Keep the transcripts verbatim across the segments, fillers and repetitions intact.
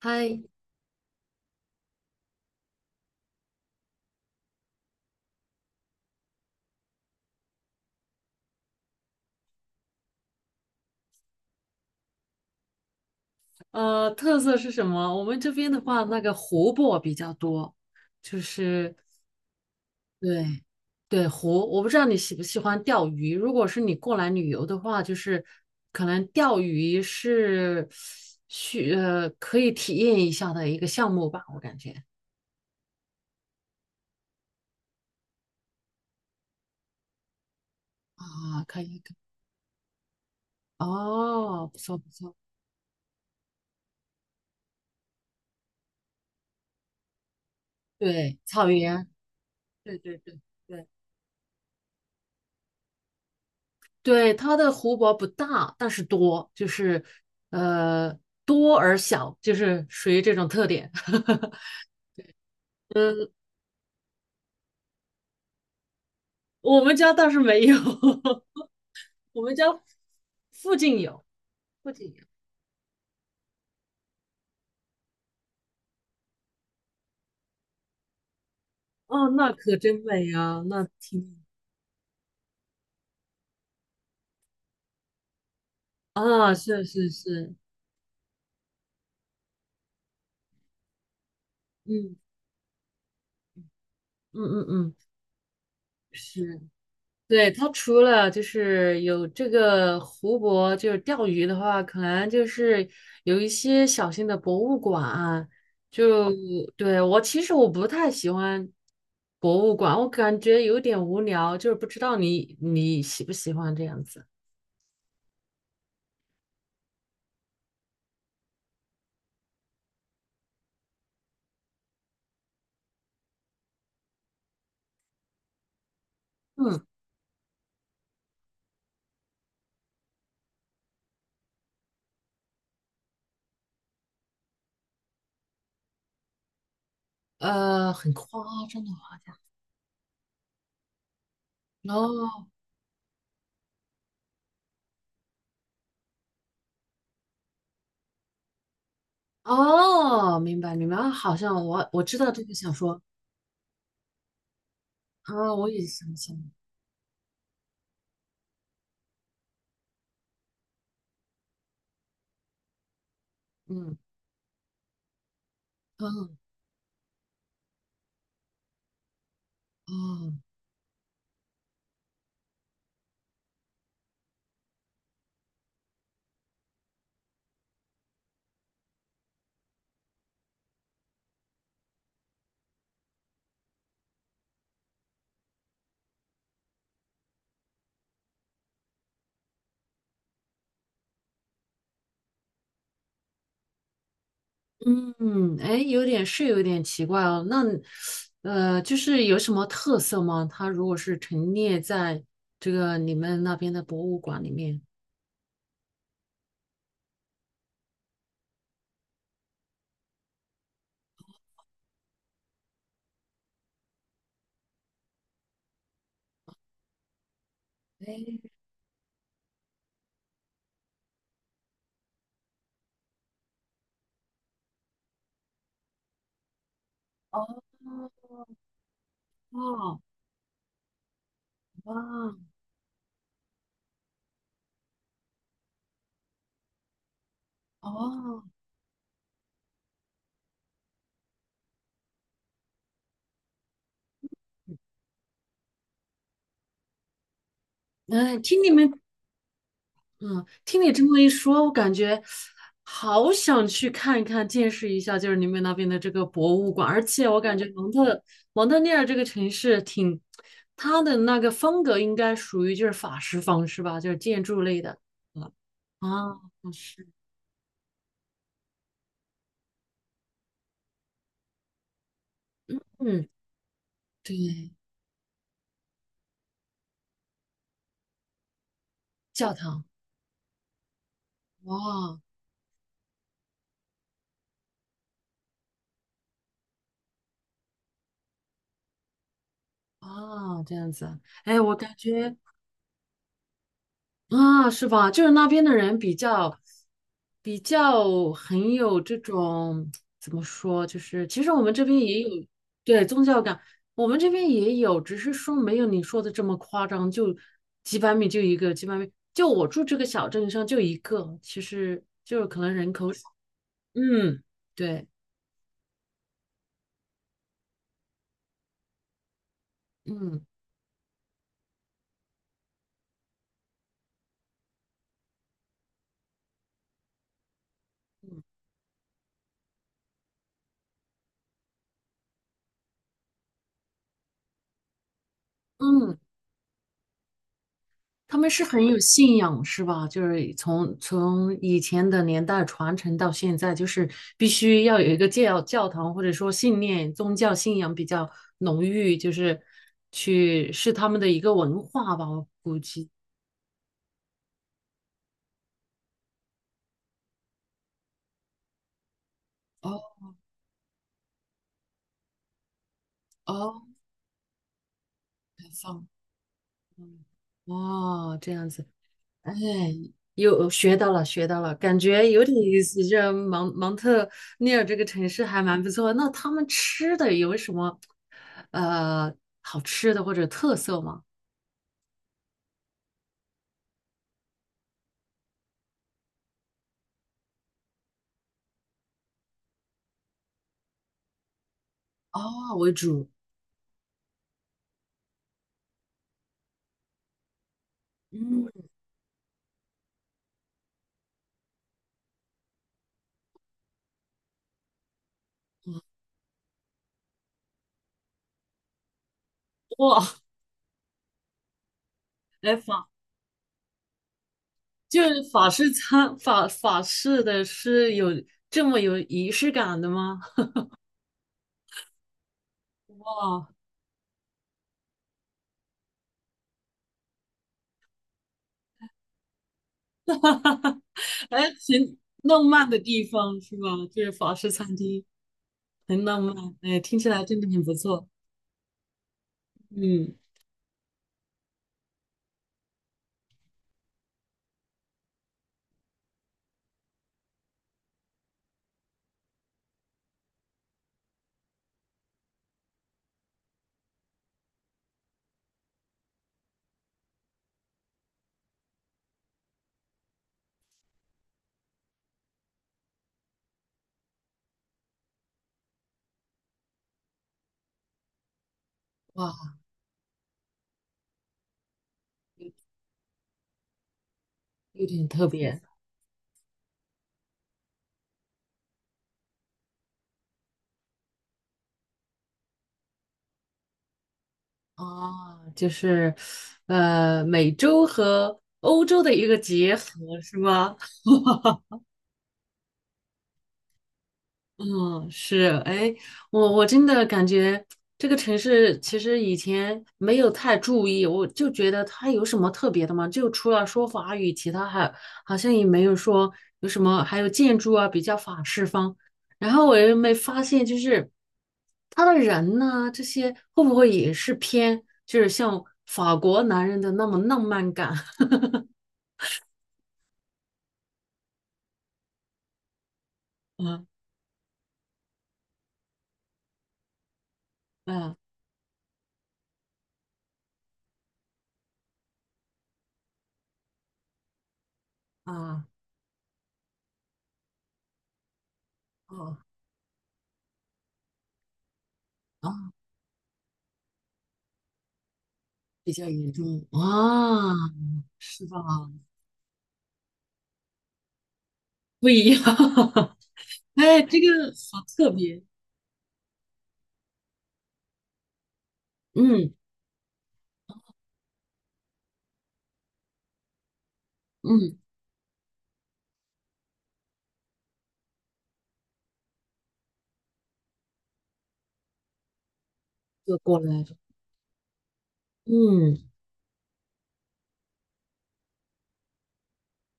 嗨，呃，特色是什么？我们这边的话，那个湖泊比较多，就是对对湖。我不知道你喜不喜欢钓鱼。如果是你过来旅游的话，就是可能钓鱼是需呃可以体验一下的一个项目吧，我感觉啊，可以可以。哦，不错不错，对草原，对对对对。对，它的湖泊不大，但是多，就是呃多而小，就是属于这种特点。嗯，我们家倒是没有，我们家附近有，附近有。哦，那可真美呀、那挺啊，是是是。嗯嗯嗯嗯，是。对，它除了就是有这个湖泊，就是钓鱼的话，可能就是有一些小型的博物馆啊。就对，我其实我不太喜欢博物馆，我感觉有点无聊，就是不知道你你喜不喜欢这样子。嗯，呃，很夸张的。哦哦，明白明白，啊好像我我知道这个小说。啊，我也想起来了。嗯嗯。哦。嗯，哎，有点是有点奇怪哦。那，呃，就是有什么特色吗？它如果是陈列在这个你们那边的博物馆里面。哎，哦，哦，哇，哦，哎，听你们嗯，听你这么一说，我感觉好想去看一看、见识一下，就是你们那边的这个博物馆。而且我感觉蒙特蒙特利尔这个城市挺，它的那个风格应该属于就是法式风，是吧？就是建筑类的。啊啊，是，嗯，对，教堂，哇。啊，这样子。哎，我感觉。啊，是吧？就是那边的人比较比较很有这种怎么说，就是其实我们这边也有。对宗教感，我们这边也有，只是说没有你说的这么夸张，就几百米就一个，几百米就我住这个小镇上就一个，其实就是可能人口少。嗯，对，嗯嗯。他们是很有信仰，是吧？就是从从以前的年代传承到现在，就是必须要有一个教教堂，或者说信念、宗教信仰比较浓郁，就是去是他们的一个文化吧，我估计。哦哦，开放，嗯。哦，这样子。哎，有学到了，学到了，感觉有点意思。这蒙蒙特利尔这个城市还蛮不错。那他们吃的有什么呃好吃的或者特色吗？啊，为主。嗯，哇，哎法就是法式餐法法式的是有这么有仪式感的吗？哇，哎，挺浪漫的地方是吧？就是法式餐厅很浪漫。哎，听起来真的很不错。嗯，哇，有点特别。哦，就是，呃，美洲和欧洲的一个结合，是吗？嗯，是。哎，我我真的感觉这个城市其实以前没有太注意，我就觉得它有什么特别的吗？就除了说法语，其他还好像也没有说有什么，还有建筑啊，比较法式风。然后我又没发现，就是他的人呢，这些会不会也是偏，就是像法国男人的那么浪漫感？嗯嗯啊哦啊，比较严重啊，是吧？不一样，哎，这个好特别。嗯嗯，就过来了。嗯，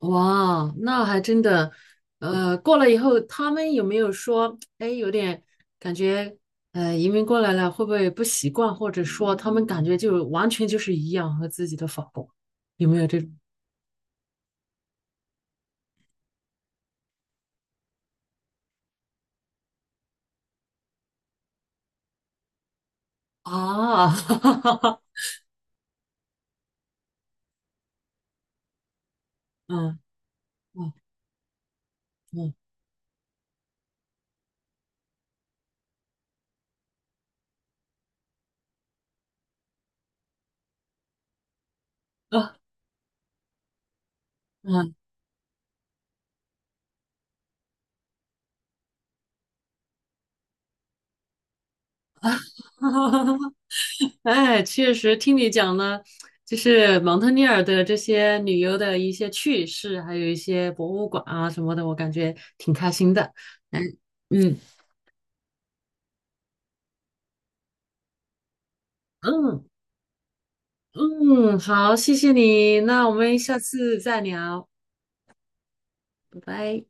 哇，那还真的，呃，过来以后，他们有没有说，哎，有点感觉，呃，移民过来了会不会不习惯，或者说他们感觉就完全就是一样和自己的法国，有没有这种啊？嗯嗯嗯啊。嗯。哈哈哈！哈哎，确实听你讲了，就是蒙特利尔的这些旅游的一些趣事，还有一些博物馆啊什么的，我感觉挺开心的。嗯嗯嗯嗯，好，谢谢你，那我们下次再聊，拜拜。